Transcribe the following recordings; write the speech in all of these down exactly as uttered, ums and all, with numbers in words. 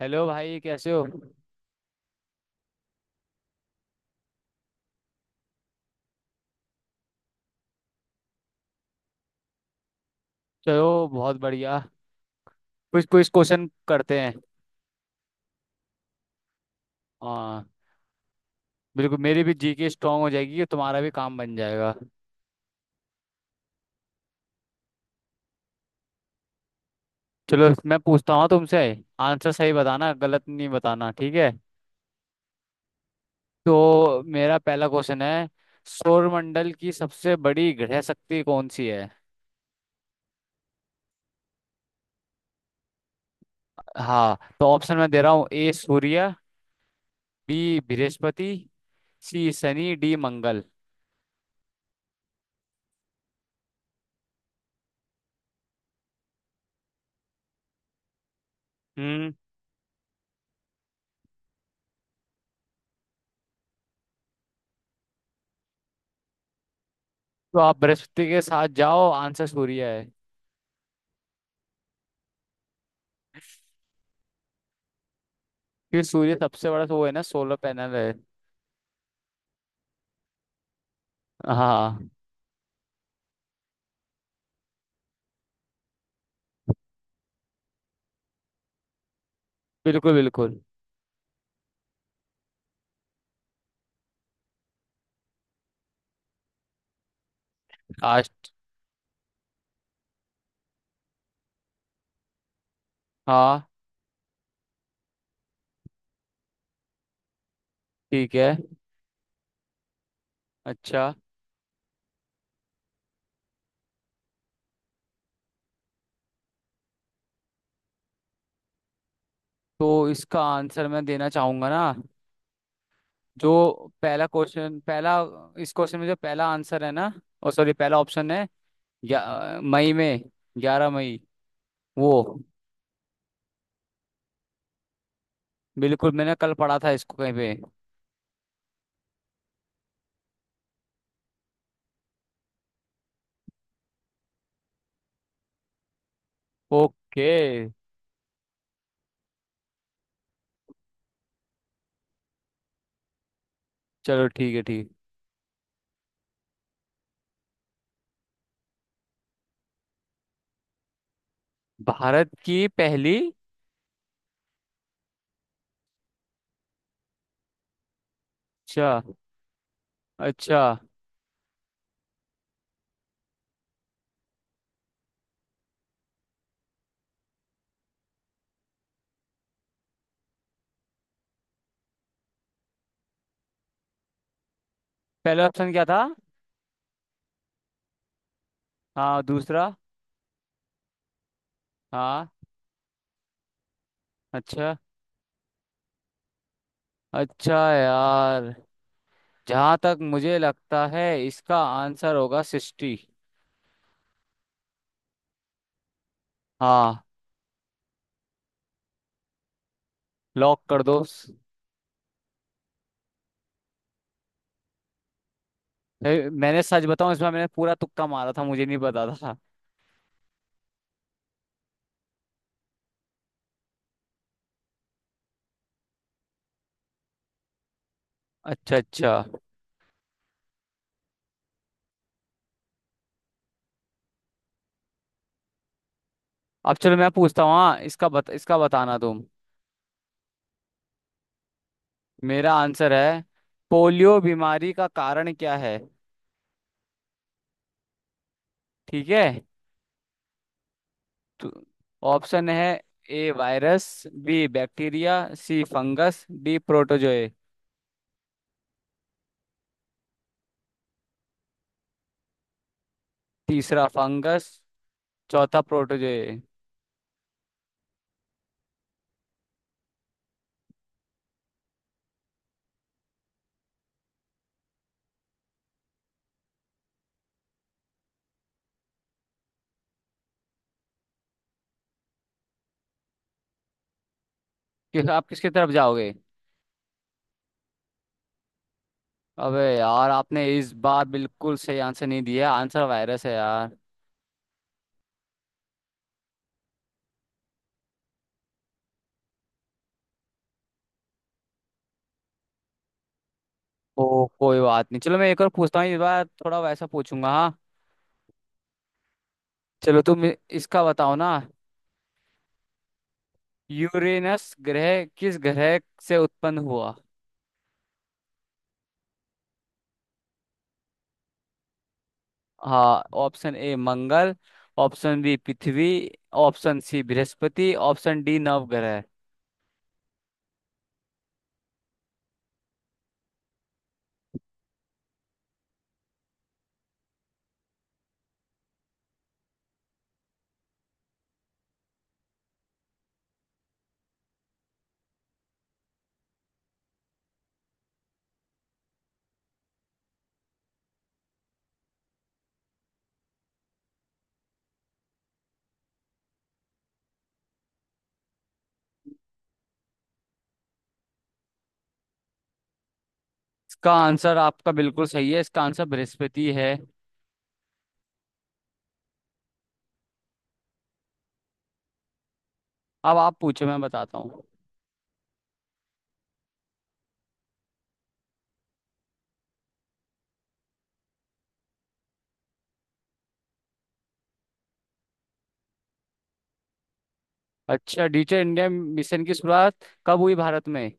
Hello भाई, कैसे हो। चलो, बहुत बढ़िया। कुछ कुछ क्वेश्चन करते हैं। हाँ, बिल्कुल मेरी भी जीके स्ट्रांग हो जाएगी, तुम्हारा भी काम बन जाएगा। चलो, मैं पूछता हूँ तुमसे। आंसर सही बताना, गलत नहीं बताना, ठीक है। तो मेरा पहला क्वेश्चन है। सौरमंडल की सबसे बड़ी ग्रह शक्ति कौन सी है। हाँ, तो ऑप्शन मैं दे रहा हूँ। ए सूर्य, बी बृहस्पति, सी शनि, डी मंगल। हम्म। तो आप बृहस्पति के साथ जाओ, आंसर सूर्य है। कि सूर्य सबसे बड़ा तो वो है ना, सोलर पैनल है। हाँ, बिल्कुल बिल्कुल। आज। हाँ, ठीक है। अच्छा, तो इसका आंसर मैं देना चाहूंगा ना। जो पहला क्वेश्चन पहला इस क्वेश्चन में जो पहला आंसर है ना। ओ सॉरी, पहला ऑप्शन है। या, मई में। ग्यारह मई। वो। बिल्कुल, मैंने कल पढ़ा था इसको कहीं पे। ओके। चलो ठीक है, ठीक। भारत की पहली। अच्छा अच्छा। पहला ऑप्शन क्या था। हाँ, दूसरा। हाँ। अच्छा। अच्छा यार, जहाँ तक मुझे लगता है इसका आंसर होगा सिक्सटी। हाँ, लॉक कर दो। ए, मैंने सच बताऊं, इसमें मैंने पूरा तुक्का मारा था, मुझे नहीं पता था। अच्छा अच्छा। अब चलो, मैं पूछता हूँ। हाँ, इसका बत, इसका बताना तुम। मेरा आंसर है। पोलियो बीमारी का कारण क्या है। ठीक है। तो ऑप्शन है। A virus, B bacteria, C fungus, D protozoa. तीसरा फंगस, चौथा प्रोटोजोए। कि आप किसकी तरफ जाओगे। अबे यार, आपने इस बार बिल्कुल सही आंसर नहीं दिया, आंसर वायरस है यार। ओ कोई बात नहीं, चलो मैं एक और पूछता हूँ। इस बार थोड़ा वैसा पूछूंगा। हाँ, चलो तुम इसका बताओ ना। यूरेनस ग्रह किस ग्रह से उत्पन्न हुआ। हाँ, ऑप्शन ए मंगल, ऑप्शन बी पृथ्वी, ऑप्शन सी बृहस्पति, ऑप्शन डी नवग्रह। इसका आंसर आपका बिल्कुल सही है, इसका आंसर बृहस्पति है। अब आप पूछो, मैं बताता। अच्छा, डिजिटल इंडिया मिशन की शुरुआत कब हुई भारत में।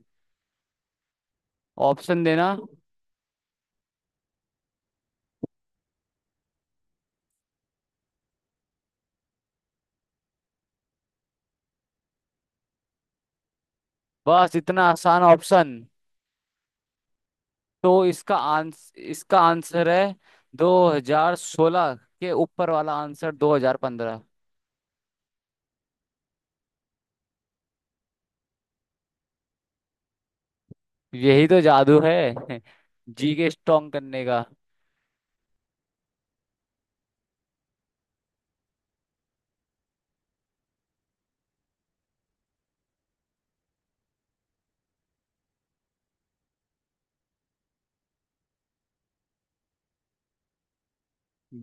ऑप्शन देना। बस इतना आसान ऑप्शन। तो इसका आंस इसका आंसर है दो हज़ार सोलह के ऊपर वाला आंसर, दो हज़ार पंद्रह। यही तो जादू है। जी के स्ट्रॉन्ग करने का।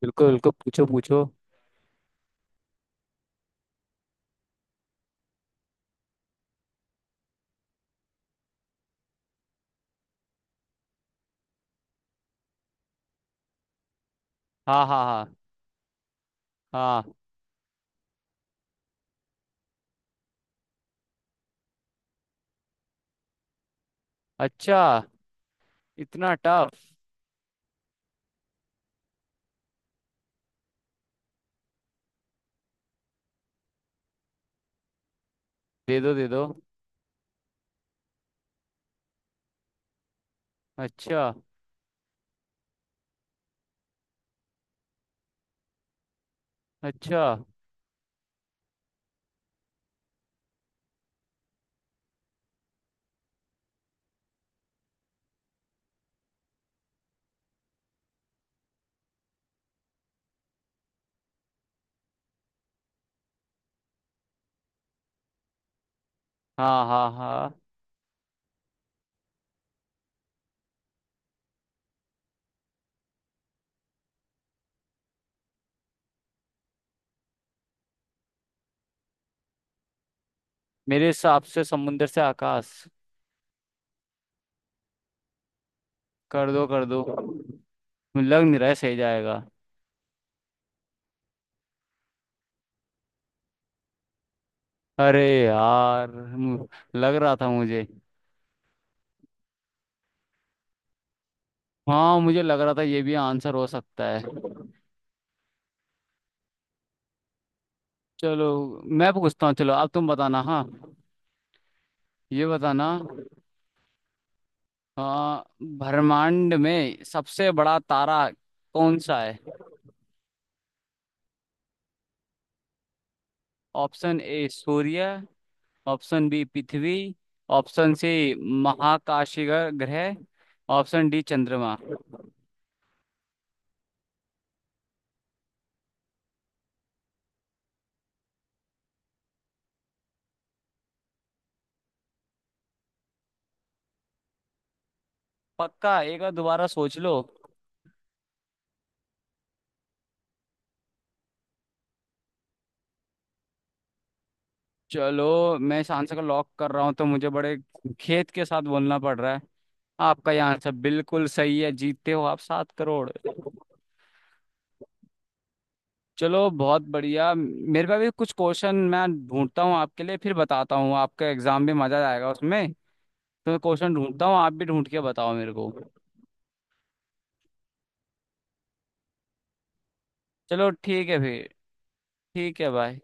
बिल्कुल बिल्कुल, पूछो पूछो। हाँ हाँ हाँ हाँ। अच्छा। इतना टफ। दे दो दे दो। अच्छा अच्छा। हाँ हाँ हाँ। मेरे हिसाब से समुंदर से आकाश। कर दो कर दो। लग नहीं रहा है सही जाएगा। अरे यार मु- लग रहा था मुझे। हाँ, मुझे लग रहा था ये भी आंसर हो सकता है। चलो मैं पूछता हूँ। चलो अब तुम बताना, हाँ। ये बताना। हाँ, ब्रह्मांड में सबसे बड़ा तारा कौन सा है। ऑप्शन ए सूर्य, ऑप्शन बी पृथ्वी, ऑप्शन सी महाकाशीय ग्रह, ऑप्शन डी चंद्रमा। पक्का एक बार दोबारा सोच लो। चलो मैं इस आंसर को लॉक कर रहा हूँ, तो मुझे बड़े खेत के साथ बोलना पड़ रहा है। आपका यह आंसर बिल्कुल सही है, जीतते हो आप सात करोड़। चलो बहुत बढ़िया, मेरे पास भी कुछ क्वेश्चन मैं ढूंढता हूँ आपके लिए, फिर बताता हूँ। आपका एग्जाम भी मजा आएगा उसमें। तो मैं क्वेश्चन ढूंढता हूँ, आप भी ढूंढ के बताओ मेरे को। चलो ठीक है फिर। ठीक है भाई।